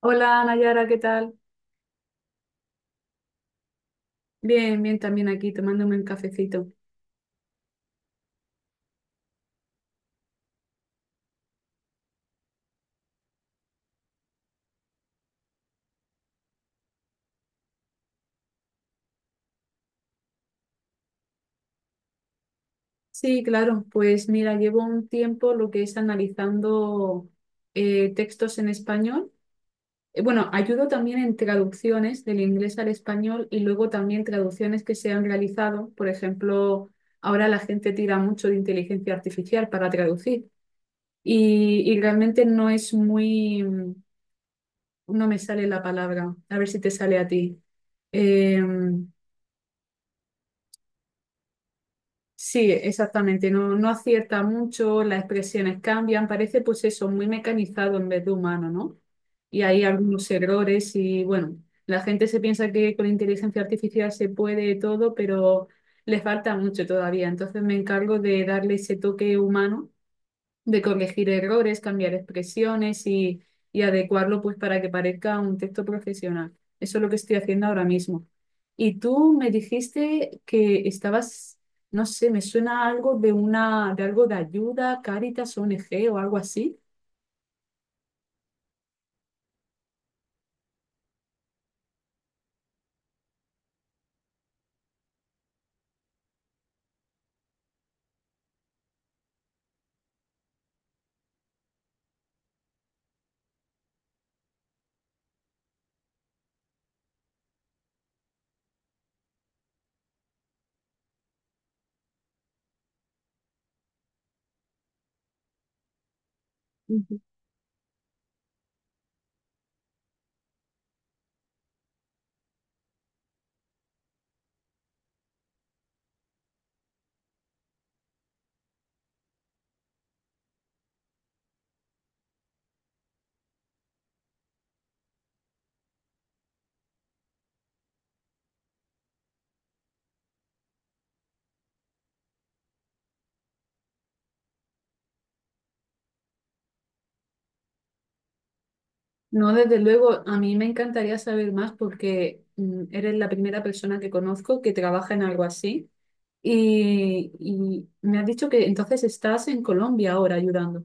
Hola Nayara, ¿qué tal? Bien, bien, también aquí tomándome un cafecito. Sí, claro, pues mira, llevo un tiempo lo que es analizando textos en español. Bueno, ayudo también en traducciones del inglés al español y luego también traducciones que se han realizado. Por ejemplo, ahora la gente tira mucho de inteligencia artificial para traducir y realmente no es no me sale la palabra. A ver si te sale a ti. Em, Sí, exactamente, no, no acierta mucho, las expresiones cambian, parece pues eso, muy mecanizado en vez de humano, ¿no? Y hay algunos errores y bueno, la gente se piensa que con inteligencia artificial se puede todo, pero le falta mucho todavía, entonces me encargo de darle ese toque humano de corregir errores, cambiar expresiones y adecuarlo pues para que parezca un texto profesional. Eso es lo que estoy haciendo ahora mismo. Y tú me dijiste que estabas, no sé, me suena algo de una, de algo de ayuda, Cáritas, ONG o algo así. Ujú. No, desde luego, a mí me encantaría saber más porque eres la primera persona que conozco que trabaja en algo así. Y me has dicho que entonces estás en Colombia ahora ayudando.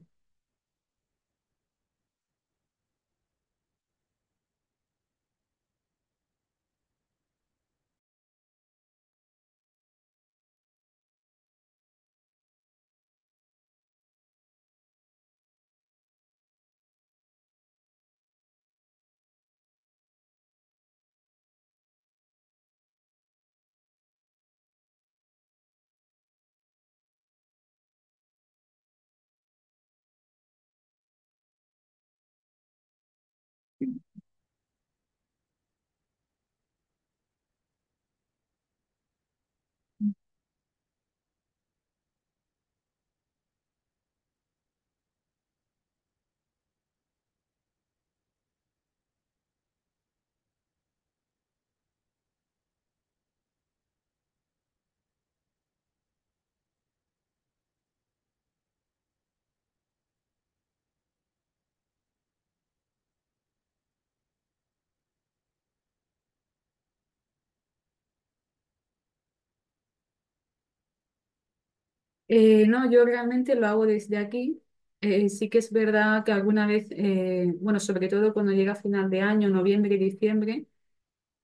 No, yo realmente lo hago desde aquí. Sí que es verdad que alguna vez, bueno, sobre todo cuando llega final de año, noviembre y diciembre,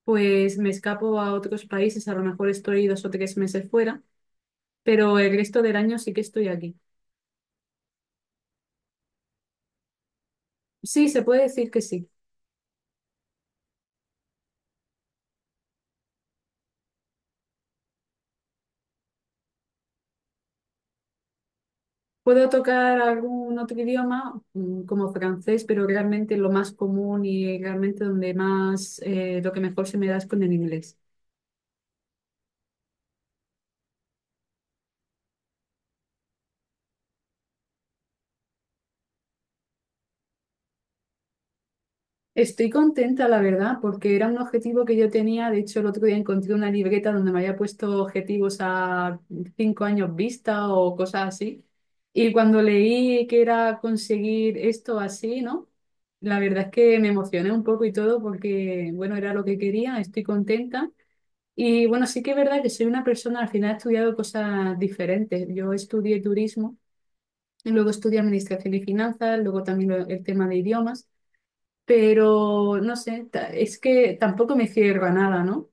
pues me escapo a otros países, a lo mejor estoy dos o tres meses fuera, pero el resto del año sí que estoy aquí. Sí, se puede decir que sí. Puedo tocar algún otro idioma, como francés, pero realmente lo más común y realmente donde más, lo que mejor se me da es con el inglés. Estoy contenta, la verdad, porque era un objetivo que yo tenía. De hecho, el otro día encontré una libreta donde me había puesto objetivos a cinco años vista o cosas así. Y cuando leí que era conseguir esto así, ¿no? La verdad es que me emocioné un poco y todo porque, bueno, era lo que quería, estoy contenta. Y bueno, sí que es verdad que soy una persona, al final he estudiado cosas diferentes. Yo estudié turismo, y luego estudié administración y finanzas, luego también el tema de idiomas, pero no sé, es que tampoco me cierro a nada, ¿no?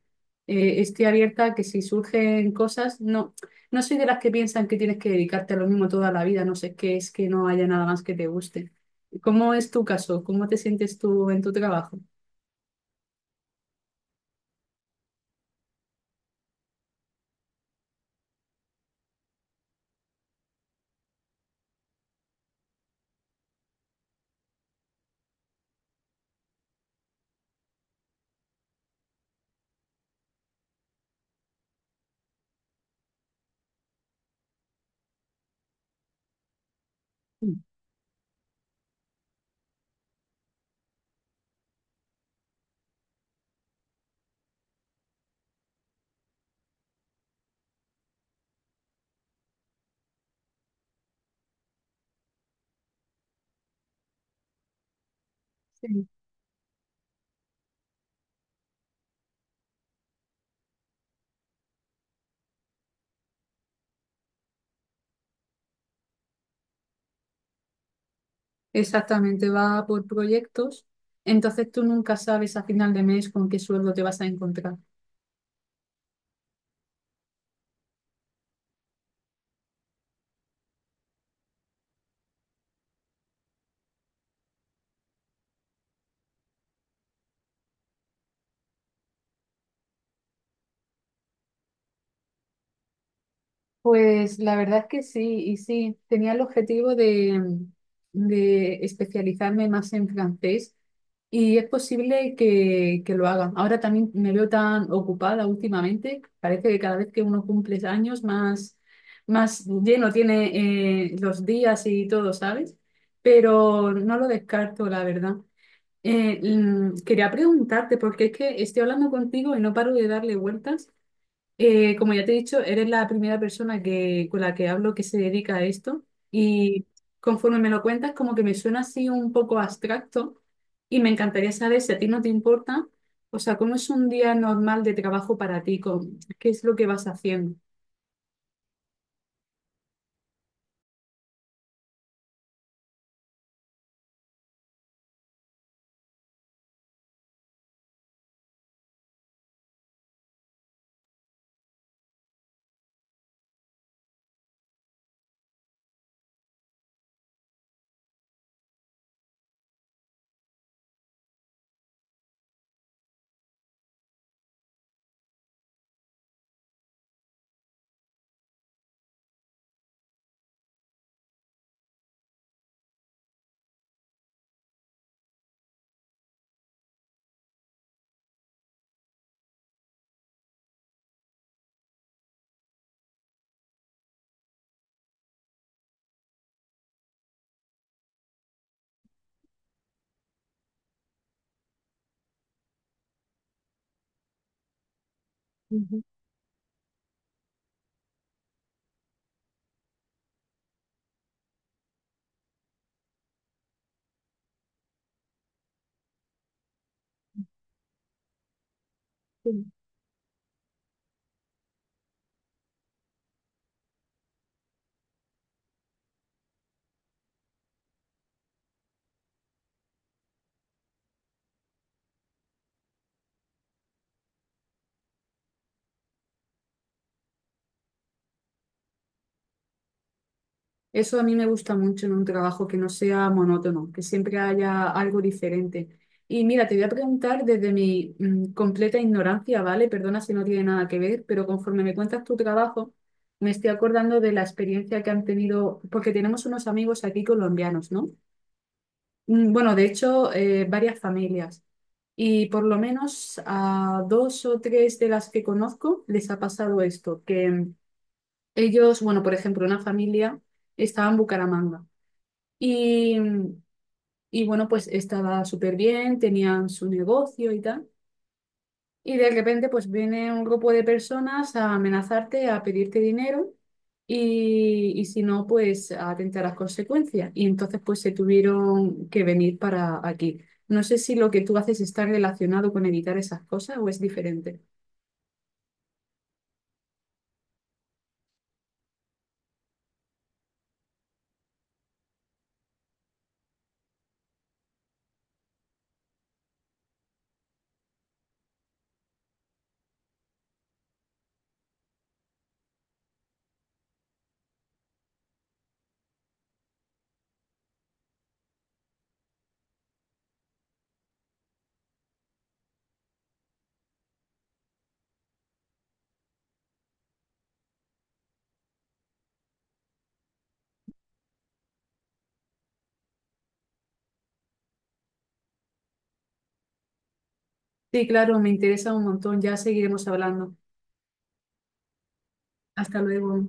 Estoy abierta a que si surgen cosas, no, no soy de las que piensan que tienes que dedicarte a lo mismo toda la vida, no sé qué es que no haya nada más que te guste. ¿Cómo es tu caso? ¿Cómo te sientes tú en tu trabajo? Mm. Sí. Exactamente, va por proyectos, entonces tú nunca sabes a final de mes con qué sueldo te vas a encontrar. Pues la verdad es que sí, y sí, tenía el objetivo de especializarme más en francés y es posible que lo haga. Ahora también me veo tan ocupada últimamente, parece que cada vez que uno cumple años más, más lleno tiene los días y todo, ¿sabes? Pero no lo descarto, la verdad. Quería preguntarte, porque es que estoy hablando contigo y no paro de darle vueltas. Como ya te he dicho, eres la primera persona que, con la que hablo que se dedica a esto y conforme me lo cuentas, como que me suena así un poco abstracto y me encantaría saber si a ti no te importa, o sea, ¿cómo es un día normal de trabajo para ti? ¿Cómo? ¿Qué es lo que vas haciendo? Ujú. Eso a mí me gusta mucho en un trabajo, que no sea monótono, que siempre haya algo diferente. Y mira, te voy a preguntar desde mi completa ignorancia, ¿vale? Perdona si no tiene nada que ver, pero conforme me cuentas tu trabajo, me estoy acordando de la experiencia que han tenido, porque tenemos unos amigos aquí colombianos, ¿no? Mm. Bueno, de hecho, varias familias. Y por lo menos a dos o tres de las que conozco les ha pasado esto, que ellos, bueno, por ejemplo, una familia estaba en Bucaramanga. Y, y bueno, pues estaba súper bien, tenían su negocio y tal. Y de repente pues viene un grupo de personas a amenazarte, a pedirte dinero y si no, pues a atentar las consecuencias. Y entonces pues se tuvieron que venir para aquí. No sé si lo que tú haces está relacionado con evitar esas cosas o es diferente. Sí, claro, me interesa un montón. Ya seguiremos hablando. Hasta luego.